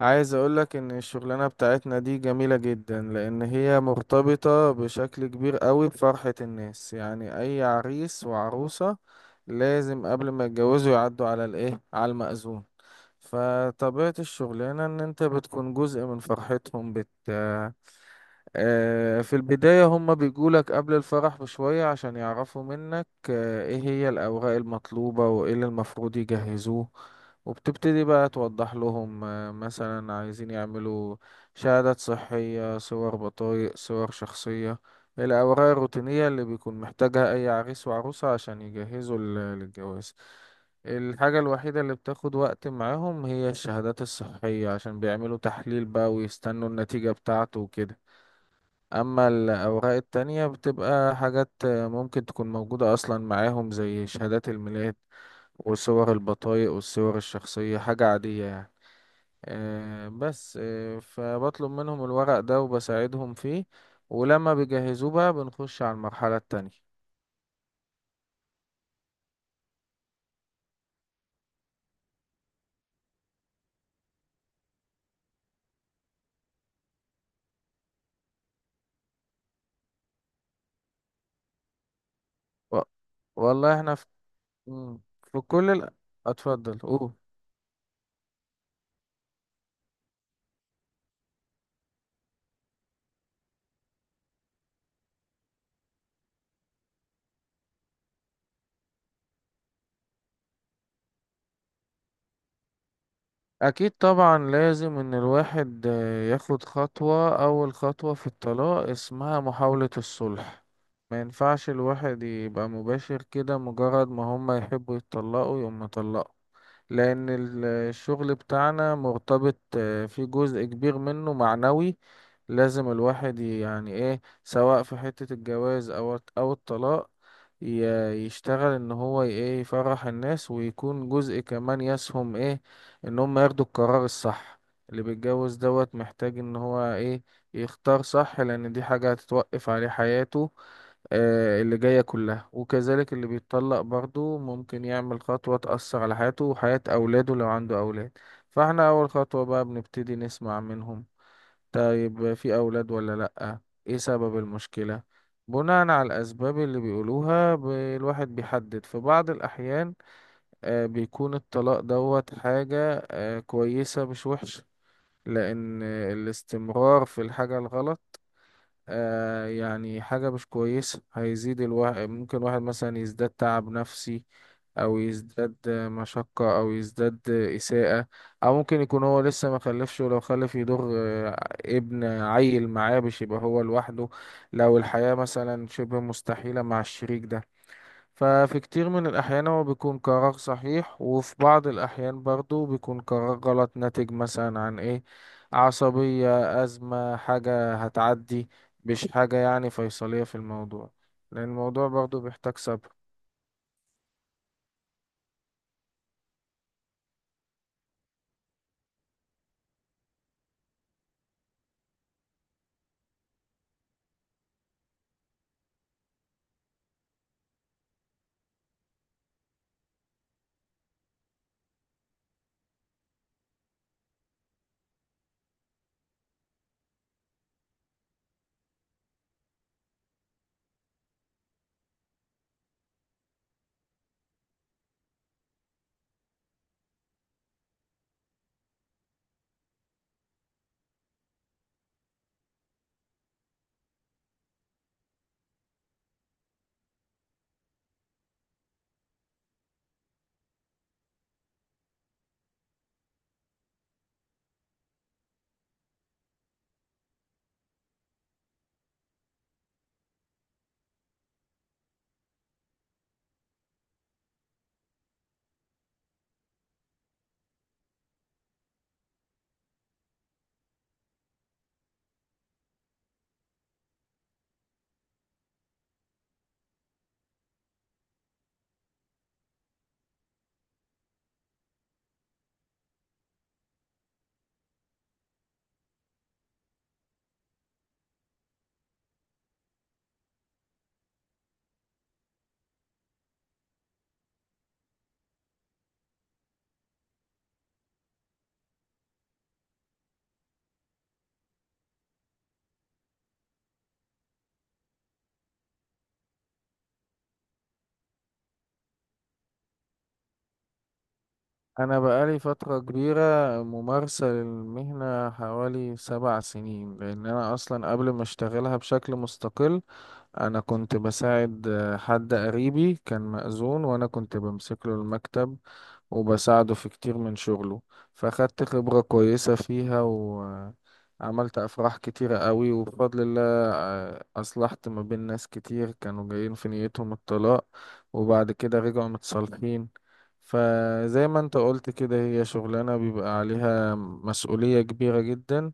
عايز اقولك ان الشغلانة بتاعتنا دي جميلة جدا لان هي مرتبطة بشكل كبير قوي بفرحة الناس. يعني اي عريس وعروسة لازم قبل ما يتجوزوا يعدوا على الايه، على المأذون. فطبيعة الشغلانة ان انت بتكون جزء من فرحتهم. بت آه، في البداية هما بيجولك قبل الفرح بشوية عشان يعرفوا منك ايه هي الأوراق المطلوبة وايه اللي المفروض يجهزوه. وبتبتدي بقى توضح لهم، مثلا عايزين يعملوا شهادات صحية، صور بطايق، صور شخصية، الأوراق الروتينية اللي بيكون محتاجها أي عريس وعروسة عشان يجهزوا للجواز. الحاجة الوحيدة اللي بتاخد وقت معاهم هي الشهادات الصحية، عشان بيعملوا تحليل بقى ويستنوا النتيجة بتاعته وكده. اما الاوراق التانية بتبقى حاجات ممكن تكون موجودة اصلا معاهم، زي شهادات الميلاد وصور البطايق والصور الشخصية، حاجة عادية يعني. آه، بس آه، فبطلب منهم الورق ده وبساعدهم فيه، ولما بيجهزوه بقى بنخش على المرحلة التانية. و- والله احنا مم، في كل اتفضل قول. أكيد طبعا لازم إن الواحد ياخد خطوة، أول خطوة في الطلاق اسمها محاولة الصلح. ما ينفعش الواحد يبقى مباشر كده، مجرد ما هما يحبوا يتطلقوا يقوم مطلقه. لأن الشغل بتاعنا مرتبط في جزء كبير منه معنوي. لازم الواحد يعني ايه، سواء في حتة الجواز أو الطلاق، يشتغل ان هو ايه، يفرح الناس ويكون جزء كمان يسهم ايه، ان هم ياخدوا القرار الصح. اللي بيتجوز دوت محتاج ان هو ايه، يختار صح، لان دي حاجة هتتوقف عليه حياته اللي جاية كلها. وكذلك اللي بيتطلق برضو ممكن يعمل خطوة تأثر على حياته وحياة أولاده لو عنده أولاد. فاحنا أول خطوة بقى بنبتدي نسمع منهم، طيب في أولاد ولا لأ، إيه سبب المشكلة. بناء على الأسباب اللي بيقولوها الواحد بيحدد. في بعض الأحيان بيكون الطلاق دوت حاجة كويسة مش وحشة، لأن الاستمرار في الحاجة الغلط آه، يعني حاجة مش كويسة، هيزيد الواحد. ممكن واحد مثلا يزداد تعب نفسي، أو يزداد مشقة، أو يزداد إساءة، أو ممكن يكون هو لسه ما خلفش. ولو خلف يضر ابن عيل معاه، مش يبقى هو لوحده لو الحياة مثلا شبه مستحيلة مع الشريك ده. ففي كتير من الأحيان هو بيكون قرار صحيح، وفي بعض الأحيان برضو بيكون قرار غلط ناتج مثلا عن إيه، عصبية، أزمة، حاجة هتعدي، مش حاجة يعني فيصلية في الموضوع. لأن الموضوع برضو بيحتاج صبر. أنا بقالي فترة كبيرة ممارسة للمهنة، حوالي 7 سنين. لأن أنا أصلا قبل ما أشتغلها بشكل مستقل، أنا كنت بساعد حد قريبي كان مأذون، وأنا كنت بمسك له المكتب وبساعده في كتير من شغله. فأخدت خبرة كويسة فيها، وعملت أفراح كتيرة قوي، وبفضل الله أصلحت ما بين ناس كتير كانوا جايين في نيتهم الطلاق، وبعد كده رجعوا متصالحين. فزي ما انت قلت كده، هي شغلانة بيبقى عليها مسؤولية كبيرة جدا،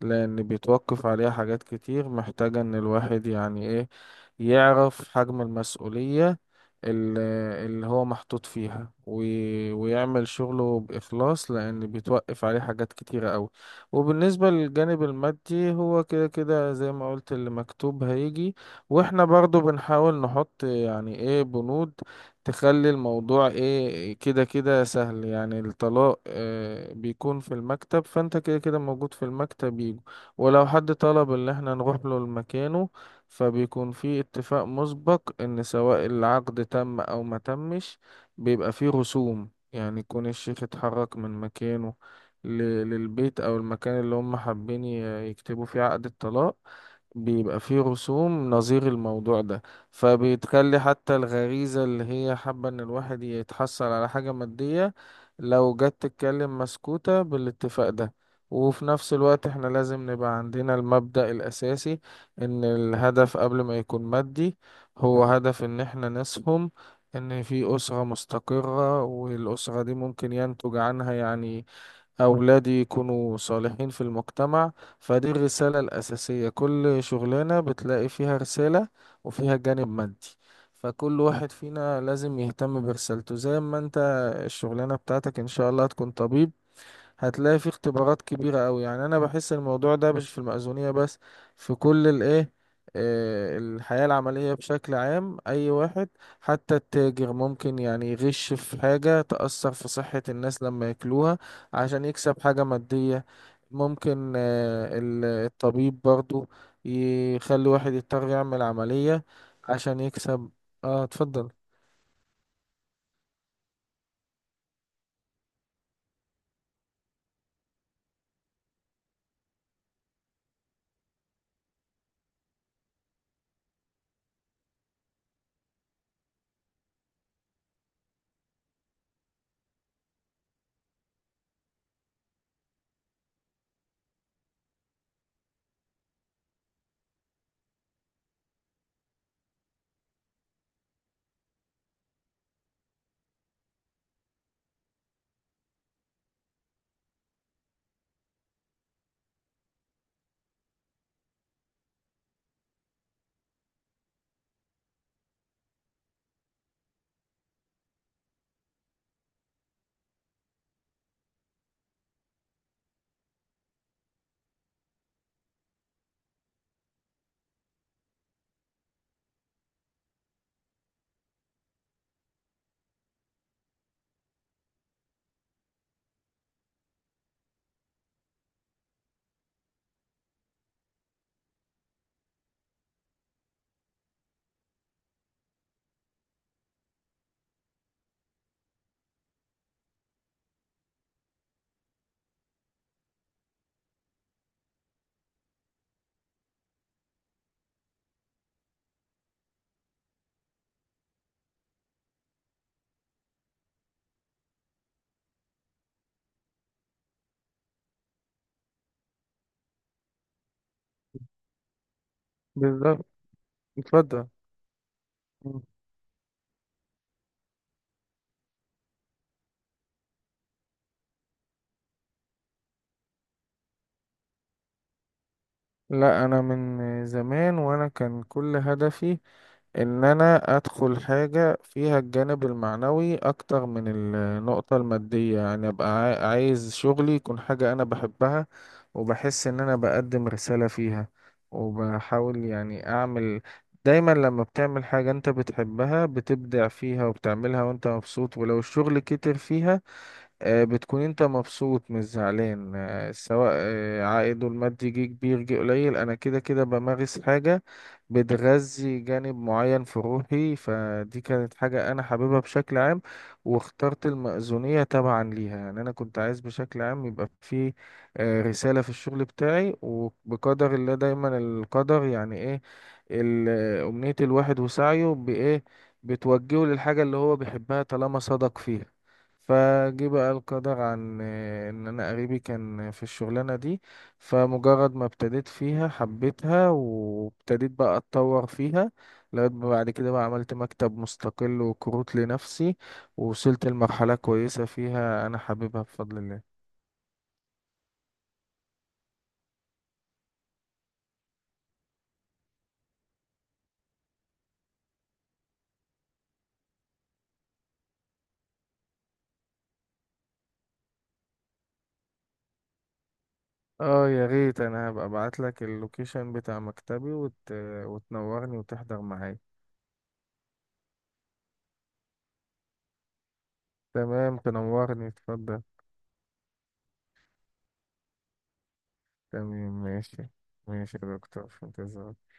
لأن بيتوقف عليها حاجات كتير. محتاجة إن الواحد يعني إيه، يعرف حجم المسؤولية ال- اللي هو محطوط فيها، ويعمل شغله بإخلاص، لأن بيتوقف عليه حاجات كتيرة أوي. وبالنسبة للجانب المادي، هو كده كده زي ما قلت، اللي مكتوب هيجي. وإحنا برضو بنحاول نحط يعني إيه، بنود تخلي الموضوع إيه كده كده سهل. يعني الطلاق بيكون في المكتب، فأنت كده كده موجود في المكتب يجي. ولو حد طلب اللي إحنا نروح له لمكانه، فبيكون في اتفاق مسبق ان سواء العقد تم او ما تمش، بيبقى فيه رسوم، يعني يكون الشيخ اتحرك من مكانه ل- للبيت او المكان اللي هم حابين يكتبوا فيه عقد الطلاق، بيبقى فيه رسوم نظير الموضوع ده. فبتخلي حتى الغريزة اللي هي حابة ان الواحد يتحصل على حاجة مادية لو جت تتكلم مسكوتة بالاتفاق ده. وفي نفس الوقت احنا لازم نبقى عندنا المبدأ الأساسي، ان الهدف قبل ما يكون مادي، هو هدف ان احنا نسهم ان في أسرة مستقرة، والأسرة دي ممكن ينتج عنها يعني أولادي يكونوا صالحين في المجتمع. فدي الرسالة الأساسية، كل شغلانة بتلاقي فيها رسالة وفيها جانب مادي. فكل واحد فينا لازم يهتم برسالته. زي ما انت الشغلانة بتاعتك ان شاء الله هتكون طبيب، هتلاقي فيه اختبارات كبيرة قوي. يعني انا بحس الموضوع ده مش في المأذونية بس، في كل الايه الحياة العملية بشكل عام. أي واحد، حتى التاجر ممكن يعني يغش في حاجة تأثر في صحة الناس لما ياكلوها عشان يكسب حاجة مادية. ممكن الطبيب برضو يخلي واحد يضطر يعمل عملية عشان يكسب. اه اتفضل. بالظبط. اتفضل. مم. لا، انا من زمان وانا كان كل هدفي ان انا ادخل حاجة فيها الجانب المعنوي اكتر من النقطة المادية. يعني ابقى عايز شغلي يكون حاجة انا بحبها، وبحس ان انا بقدم رسالة فيها، وبحاول يعني اعمل. دايما لما بتعمل حاجة انت بتحبها بتبدع فيها وبتعملها وانت مبسوط، ولو الشغل كتر فيها بتكون انت مبسوط مش زعلان. آه، سواء آه، عائده المادي جه كبير جه قليل، انا كده كده بمارس حاجة بتغذي جانب معين في روحي. فدي كانت حاجة انا حاببها بشكل عام، واخترت المأذونية تبعا ليها. يعني انا كنت عايز بشكل عام يبقى في رسالة في الشغل بتاعي، وبقدر الله دايما القدر يعني ايه ال- أمنية الواحد وسعيه بإيه بتوجهه للحاجة اللي هو بيحبها طالما صدق فيها. فجه بقى القدر عن آه، ان انا قريبي كان في الشغلانه دي، فمجرد ما ابتديت فيها حبيتها، وابتديت بقى اتطور فيها لغايه ما بعد كده بقى عملت مكتب مستقل وكروت لنفسي، ووصلت لمرحله كويسه فيها انا حاببها بفضل الله. اه يا ريت، انا هبقى ابعت لك اللوكيشن بتاع مكتبي وتنورني وتحضر معايا. تمام تنورني، اتفضل. تمام ماشي. ماشي يا دكتور، في انتظارك.